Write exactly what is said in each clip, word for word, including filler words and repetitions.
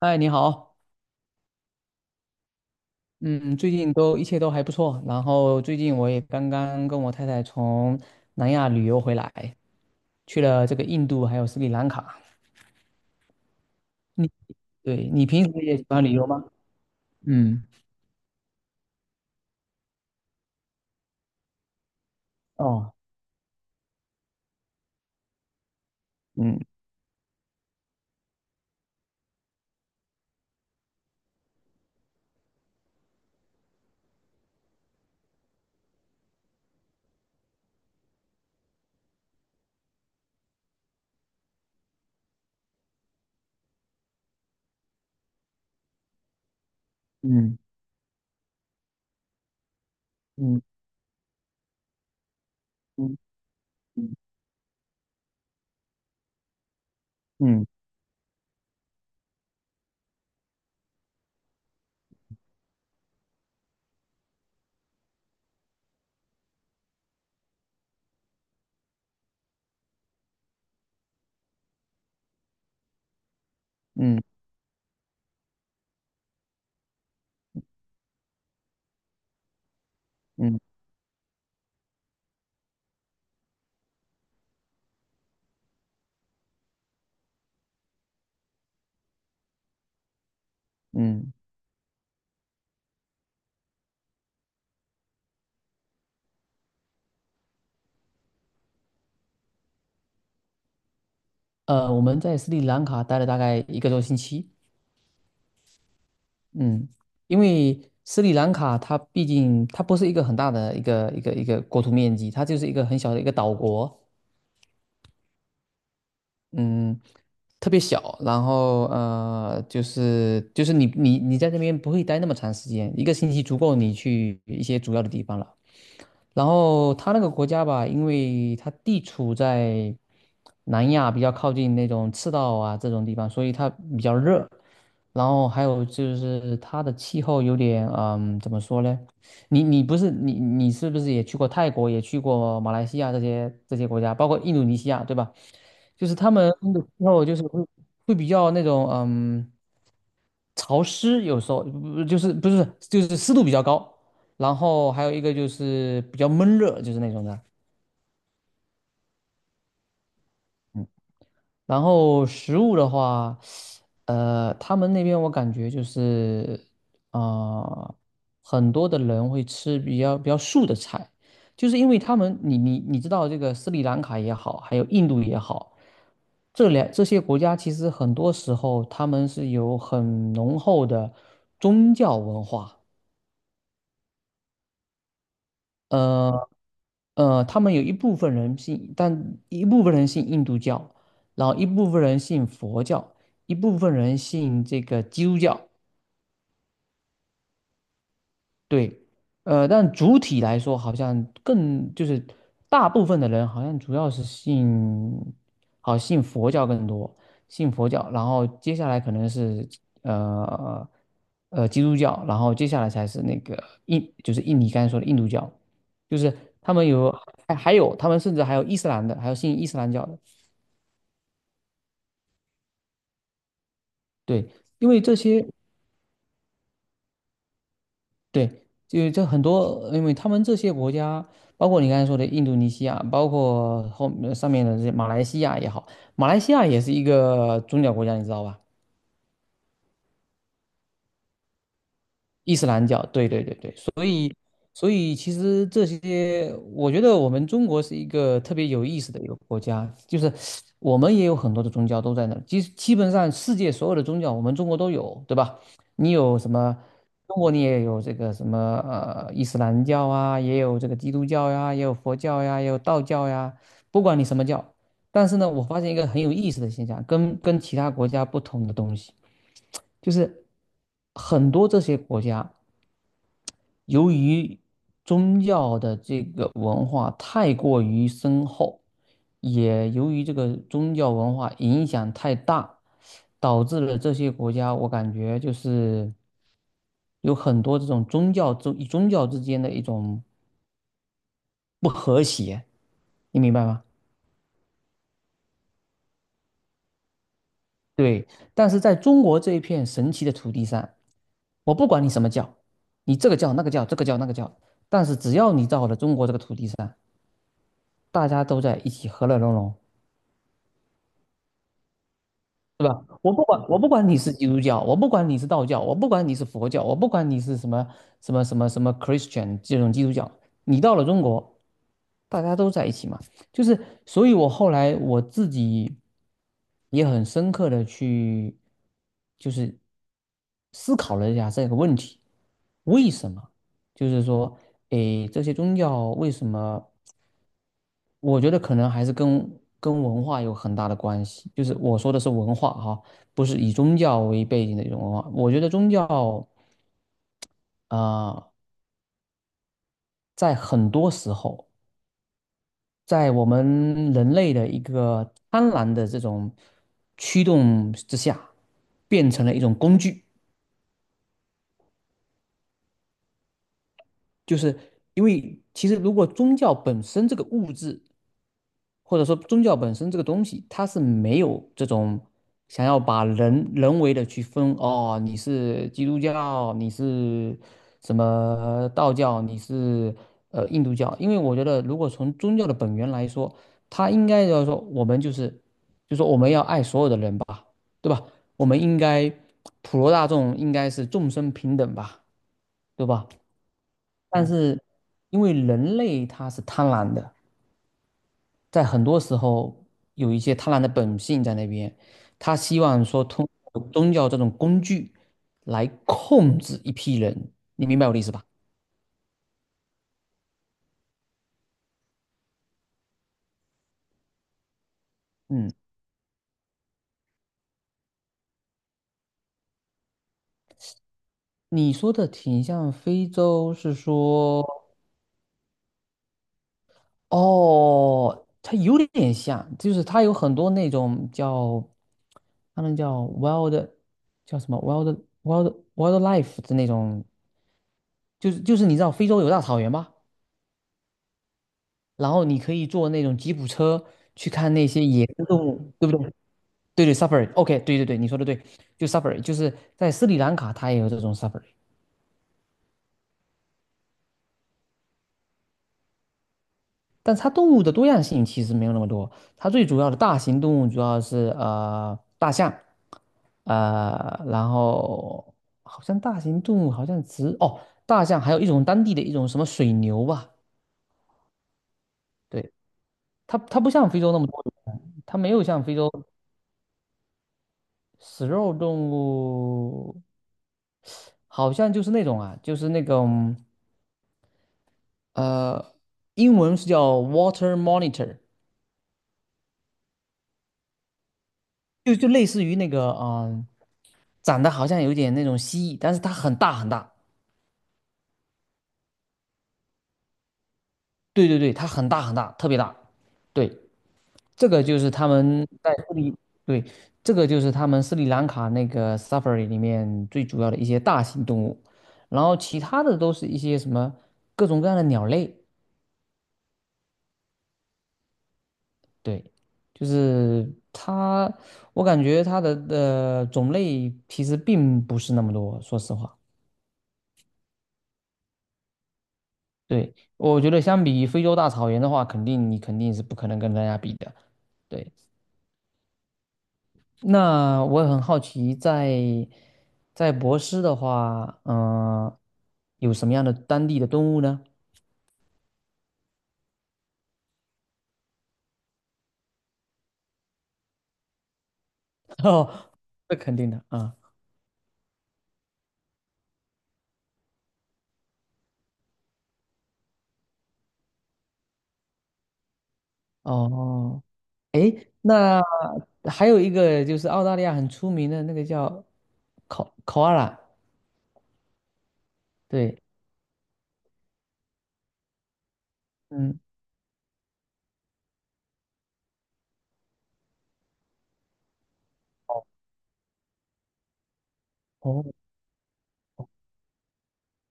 嗨，你好。嗯，最近都一切都还不错。然后最近我也刚刚跟我太太从南亚旅游回来，去了这个印度还有斯里兰卡。你对你平时也喜欢旅游吗？嗯。哦。嗯嗯嗯嗯嗯嗯嗯嗯嗯。呃，我们在斯里兰卡待了大概一个多星期。嗯。因为斯里兰卡它毕竟它不是一个很大的一个一个一个国土面积，它就是一个很小的一个岛国。嗯，特别小。然后呃，就是就是你你你在这边不会待那么长时间，一个星期足够你去一些主要的地方了。然后它那个国家吧，因为它地处在南亚比较靠近那种赤道啊这种地方，所以它比较热。然后还有就是它的气候有点嗯，怎么说呢？你你不是你你是不是也去过泰国，也去过马来西亚这些这些国家，包括印度尼西亚，对吧？就是他们那个气候就是会会比较那种嗯潮湿，有时候不就是不是就是湿度比较高，然后还有一个就是比较闷热，就是那种的。然后食物的话，呃，他们那边我感觉就是，啊、很多的人会吃比较比较素的菜，就是因为他们，你你你知道这个斯里兰卡也好，还有印度也好，这两这些国家其实很多时候他们是有很浓厚的宗教文化。呃呃，他们有一部分人信，但一部分人信印度教，然后一部分人信佛教，一部分人信这个基督教。对。呃，但主体来说，好像更就是大部分的人好像主要是信，好信佛教更多，信佛教，然后接下来可能是呃呃基督教，然后接下来才是那个印，就是印尼刚才说的印度教，就是他们有，还还有他们甚至还有伊斯兰的，还有信伊斯兰教的。对，因为这些。对，就这很多，因为他们这些国家，包括你刚才说的印度尼西亚，包括后呃上面的这些马来西亚也好，马来西亚也是一个宗教国家，你知道吧？伊斯兰教，对对对对。所以其实这些，我觉得我们中国是一个特别有意思的一个国家，就是我们也有很多的宗教都在那儿，基基本上世界所有的宗教我们中国都有，对吧？你有什么？中国你也有这个什么呃伊斯兰教啊，也有这个基督教呀，也有佛教呀，也有道教呀，不管你什么教。但是呢，我发现一个很有意思的现象，跟跟其他国家不同的东西，就是很多这些国家，由于宗教的这个文化太过于深厚，也由于这个宗教文化影响太大，导致了这些国家，我感觉就是有很多这种宗教宗宗教之间的一种不和谐，你明白吗？对。但是在中国这一片神奇的土地上，我不管你什么教，你这个教那个教，这个教那个教，但是只要你到了中国这个土地上，大家都在一起和乐融融。是吧？我不管，我不管你是基督教，我不管你是道教，我不管你是佛教，我不管你是什么什么什么什么 Christian 这种基督教，你到了中国，大家都在一起嘛。就是，所以我后来我自己也很深刻的去，就是思考了一下这个问题。为什么？就是说，诶，这些宗教为什么？我觉得可能还是跟跟文化有很大的关系，就是我说的是文化哈，不是以宗教为背景的一种文化。我觉得宗教呃，在很多时候，在我们人类的一个贪婪的这种驱动之下，变成了一种工具。就是因为其实如果宗教本身这个物质或者说宗教本身这个东西，它是没有这种想要把人人为的去分，哦，你是基督教，你是什么道教，你是呃印度教，因为我觉得如果从宗教的本源来说，它应该要说我们就是就说我们要爱所有的人吧，对吧？我们应该普罗大众应该是众生平等吧，对吧？但嗯是因为人类他是贪婪的。在很多时候有一些贪婪的本性在那边，他希望说通过宗教这种工具来控制一批人，你明白我的意思吧？嗯，你说的挺像非洲，是说，哦，它有点像，就是它有很多那种叫，他们叫 wild,叫什么 wild wild wildlife 的那种，就是就是你知道非洲有大草原吗？然后你可以坐那种吉普车去看那些野生动物，对不对？对对safari，OK，对对对，你说的对，就 safari,就是在斯里兰卡它也有这种 safari,但它动物的多样性其实没有那么多，它最主要的大型动物主要是呃大象。呃，然后好像大型动物好像只，哦大象，还有一种当地的一种什么水牛吧。对，它它不像非洲那么多，它没有像非洲。食肉动物，好像就是那种啊，就是那种呃，英文是叫 water monitor,就就类似于那个嗯、长得好像有点那种蜥蜴，但是它很大很大。对对对，它很大很大，特别大。对，这个就是他们在斯里，对，这个就是他们斯里兰卡那个 safari 里面最主要的一些大型动物，然后其他的都是一些什么各种各样的鸟类。对，就是它，我感觉它的的种类其实并不是那么多，说实话。对，我觉得相比非洲大草原的话，肯定你肯定是不可能跟人家比的。对，那我也很好奇在，在博斯的话，嗯、有什么样的当地的动物呢？哦，这肯定的啊。哦，那还有一个就是澳大利亚很出名的那个叫考考阿拉，对，嗯，哦哦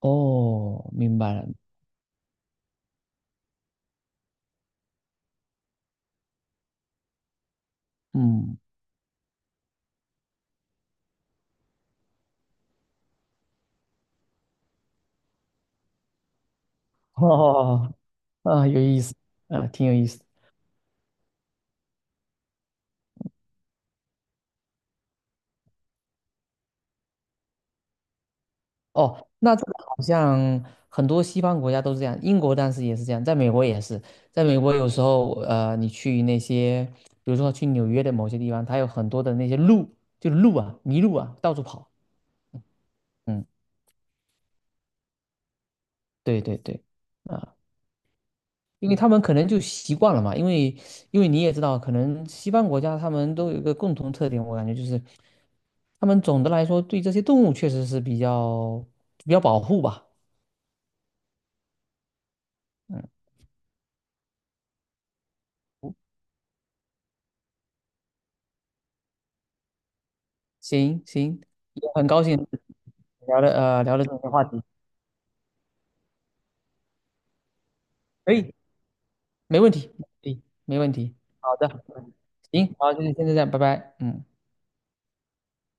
哦，明白了，嗯，哦，啊，有意思，啊，挺有意思。哦，那这个好像很多西方国家都是这样，英国当时也是这样，在美国也是，在美国有时候，呃，你去那些，比如说去纽约的某些地方，它有很多的那些路，就路啊，麋鹿啊，到处跑。嗯，对对对，啊。因为他们可能就习惯了嘛，因为因为你也知道，可能西方国家他们都有一个共同特点，我感觉就是他们总的来说对这些动物确实是比较比较保护吧。嗯，行行，也很高兴聊了呃聊了这些话题，可以，没问题，可以，没问题。好的，行，好，就是现在这样，拜拜，嗯。